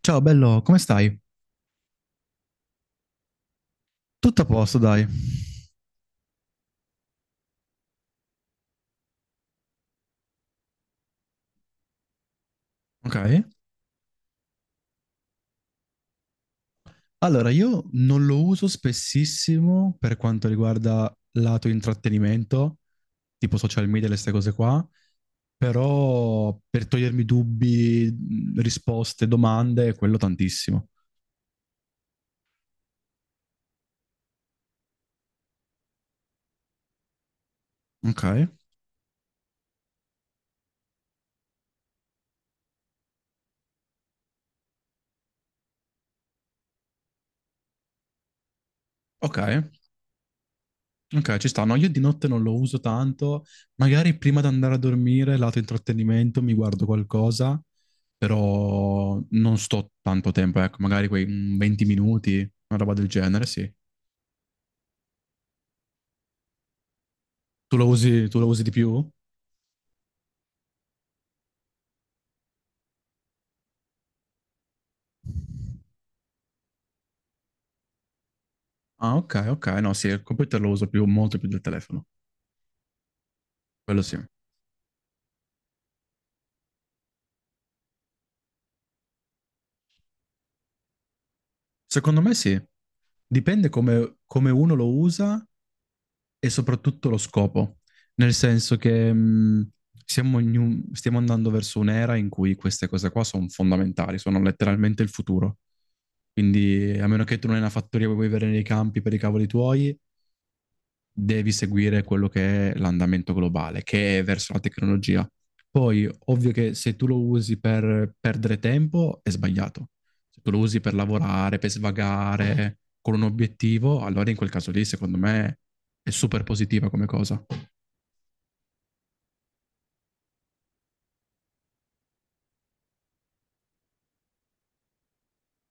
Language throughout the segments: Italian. Ciao bello, come stai? Tutto a posto, dai. Ok. Allora, io non lo uso spessissimo per quanto riguarda lato intrattenimento, tipo social media e queste cose qua, però per togliermi dubbi, risposte, domande, quello tantissimo. Ok, ok. Ok, ci sta. No, io di notte non lo uso tanto. Magari prima di andare a dormire, lato intrattenimento, mi guardo qualcosa, però non sto tanto tempo, ecco, magari quei 20 minuti, una roba del genere, sì. Tu lo usi di più? Ah, ok, ok. No, sì, il computer lo uso più, molto più del telefono. Quello sì. Secondo me sì. Dipende come uno lo usa e soprattutto lo scopo, nel senso che stiamo andando verso un'era in cui queste cose qua sono fondamentali, sono letteralmente il futuro. Quindi, a meno che tu non hai una fattoria e vuoi vivere nei campi per i cavoli tuoi, devi seguire quello che è l'andamento globale, che è verso la tecnologia. Poi, ovvio che se tu lo usi per perdere tempo, è sbagliato. Se tu lo usi per lavorare, per svagare, con un obiettivo, allora in quel caso lì, secondo me, è super positiva come cosa.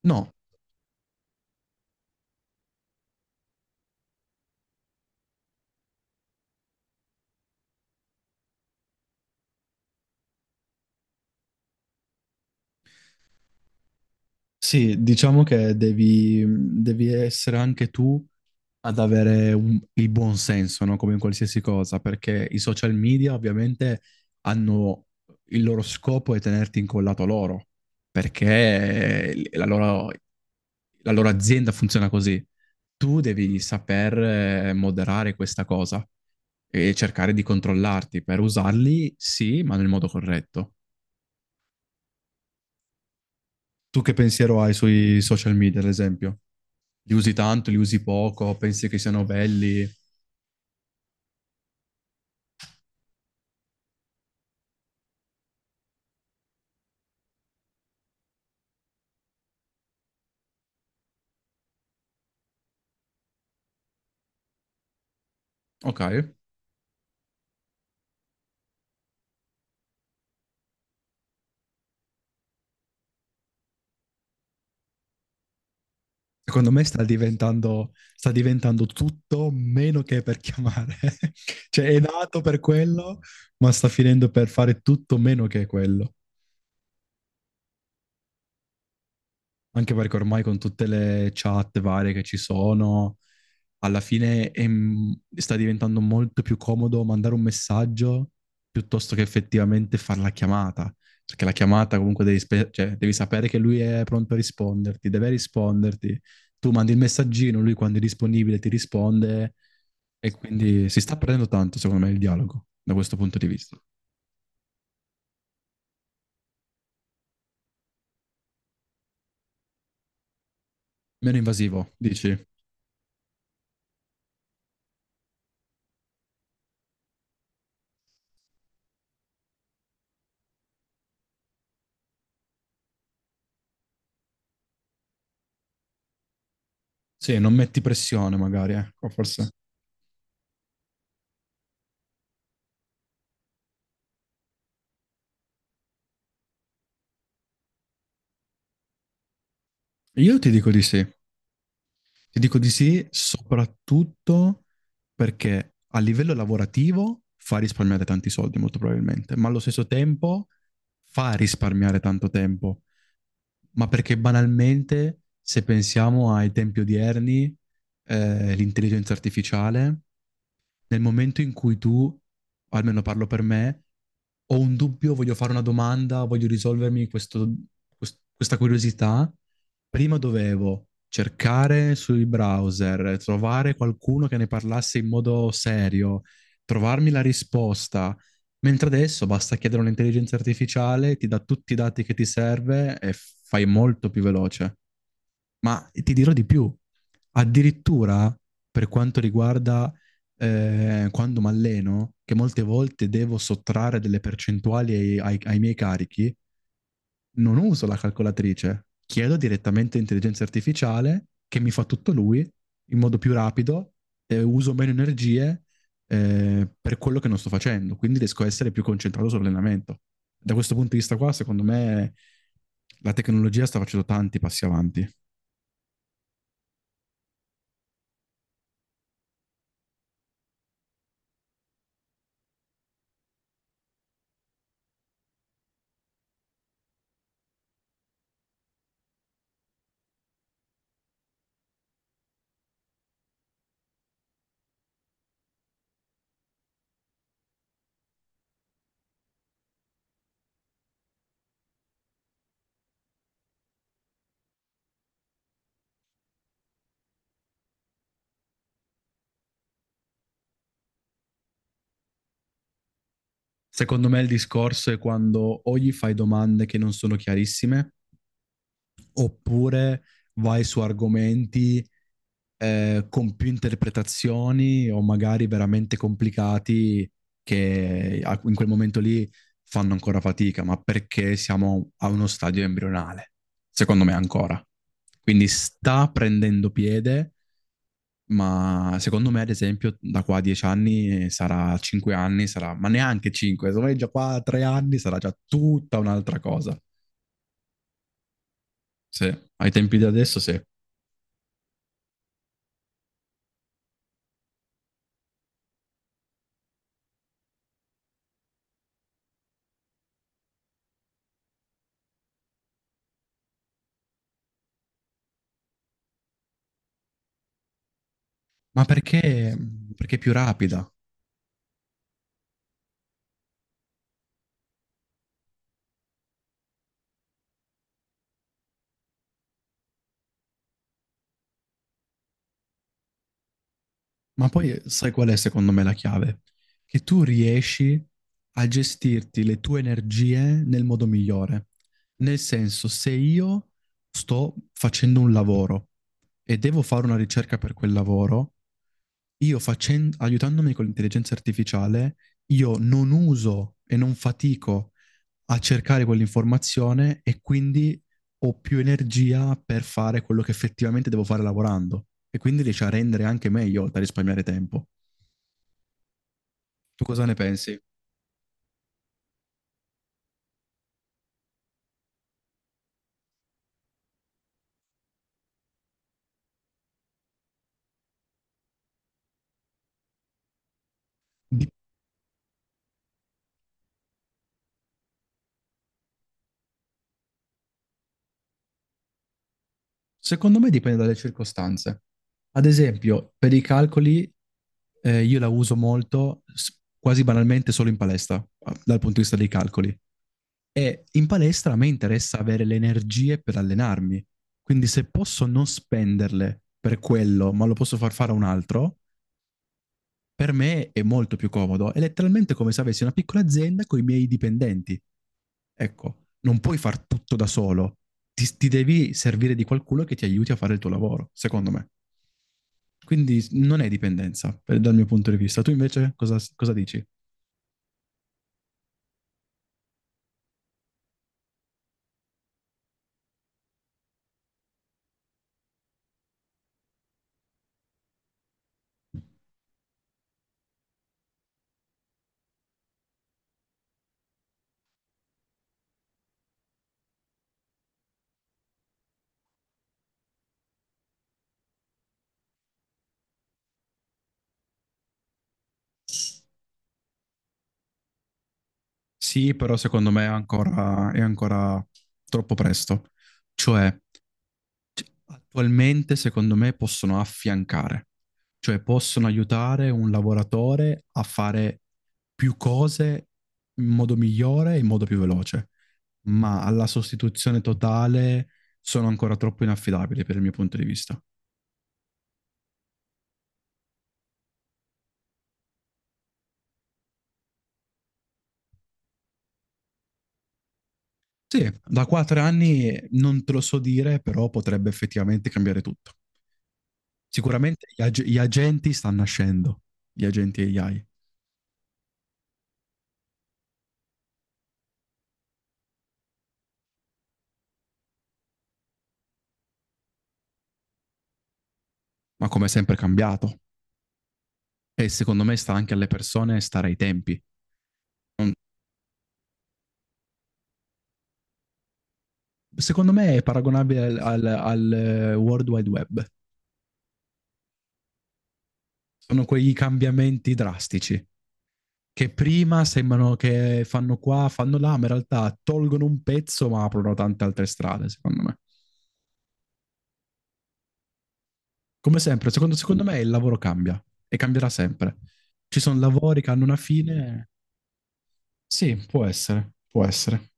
No, sì, diciamo che devi essere anche tu ad avere il buon senso, no? Come in qualsiasi cosa, perché i social media ovviamente hanno il loro scopo è tenerti incollato a loro, perché la loro azienda funziona così. Tu devi saper moderare questa cosa e cercare di controllarti per usarli, sì, ma nel modo corretto. Tu che pensiero hai sui social media, ad esempio? Li usi tanto, li usi poco, pensi che siano belli. Ok. Secondo me sta diventando tutto meno che per chiamare. Cioè è nato per quello, ma sta finendo per fare tutto meno che quello. Anche perché ormai con tutte le chat varie che ci sono, alla fine sta diventando molto più comodo mandare un messaggio piuttosto che effettivamente fare la chiamata. Perché la chiamata comunque devi, cioè, devi sapere che lui è pronto a risponderti, deve risponderti. Tu mandi il messaggino, lui quando è disponibile ti risponde e quindi si sta perdendo tanto, secondo me, il dialogo da questo punto di vista. Meno invasivo, dici? Sì, non metti pressione magari, ecco, forse. Io ti dico di sì. Ti dico di sì, soprattutto perché a livello lavorativo fa risparmiare tanti soldi, molto probabilmente, ma allo stesso tempo fa risparmiare tanto tempo. Ma perché banalmente, se pensiamo ai tempi odierni, l'intelligenza artificiale nel momento in cui tu, o almeno parlo per me, ho un dubbio, voglio fare una domanda, voglio risolvermi questa curiosità, prima dovevo cercare sui browser, trovare qualcuno che ne parlasse in modo serio, trovarmi la risposta. Mentre adesso basta chiedere a un'intelligenza artificiale, ti dà tutti i dati che ti serve e fai molto più veloce. Ma ti dirò di più, addirittura per quanto riguarda quando mi alleno, che molte volte devo sottrarre delle percentuali ai miei carichi, non uso la calcolatrice, chiedo direttamente intelligenza artificiale che mi fa tutto lui in modo più rapido, uso meno energie per quello che non sto facendo, quindi riesco a essere più concentrato sull'allenamento. Da questo punto di vista qua, secondo me la tecnologia sta facendo tanti passi avanti. Secondo me il discorso è quando o gli fai domande che non sono chiarissime, oppure vai su argomenti con più interpretazioni o magari veramente complicati che in quel momento lì fanno ancora fatica, ma perché siamo a uno stadio embrionale, secondo me ancora. Quindi sta prendendo piede, ma secondo me, ad esempio, da qua a 10 anni sarà 5 anni, sarà, ma neanche 5, secondo me già qua a 3 anni sarà già tutta un'altra cosa. Sì, ai tempi di adesso sì. Ma perché? Perché è più rapida. Ma poi sai qual è secondo me la chiave? Che tu riesci a gestirti le tue energie nel modo migliore. Nel senso, se io sto facendo un lavoro e devo fare una ricerca per quel lavoro, aiutandomi con l'intelligenza artificiale, io non uso e non fatico a cercare quell'informazione e quindi ho più energia per fare quello che effettivamente devo fare lavorando e quindi riesci a rendere anche meglio, oltre a risparmiare tempo. Tu cosa ne pensi? Di- Secondo me dipende dalle circostanze. Ad esempio, per i calcoli io la uso molto, quasi banalmente, solo in palestra, dal punto di vista dei calcoli. E in palestra a me interessa avere le energie per allenarmi. Quindi se posso non spenderle per quello, ma lo posso far fare a un altro, per me è molto più comodo. È letteralmente come se avessi una piccola azienda con i miei dipendenti. Ecco, non puoi far tutto da solo. Ti devi servire di qualcuno che ti aiuti a fare il tuo lavoro, secondo me. Quindi non è dipendenza, dal mio punto di vista. Tu invece cosa dici? Sì, però secondo me è ancora troppo presto. Cioè, Cioè, attualmente, secondo me, possono affiancare, cioè possono aiutare un lavoratore a fare più cose in modo migliore e in modo più veloce, ma alla sostituzione totale sono ancora troppo inaffidabili per il mio punto di vista. Sì, da quattro anni non te lo so dire, però potrebbe effettivamente cambiare tutto. Sicuramente gli agenti stanno nascendo, gli agenti AI, ma come sempre è cambiato. E secondo me sta anche alle persone stare ai tempi. Secondo me è paragonabile al World Wide Web. Sono quei cambiamenti drastici che prima sembrano che fanno qua, fanno là, ma in realtà tolgono un pezzo ma aprono tante altre strade, secondo me. Come sempre, secondo me il lavoro cambia e cambierà sempre. Ci sono lavori che hanno una fine. Sì, può essere, può essere,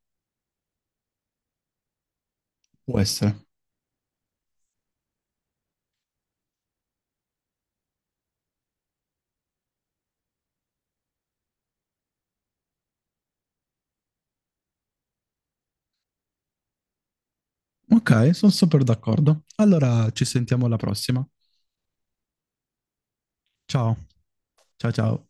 può essere. Ok, sono super d'accordo. Allora ci sentiamo alla prossima. Ciao, ciao ciao.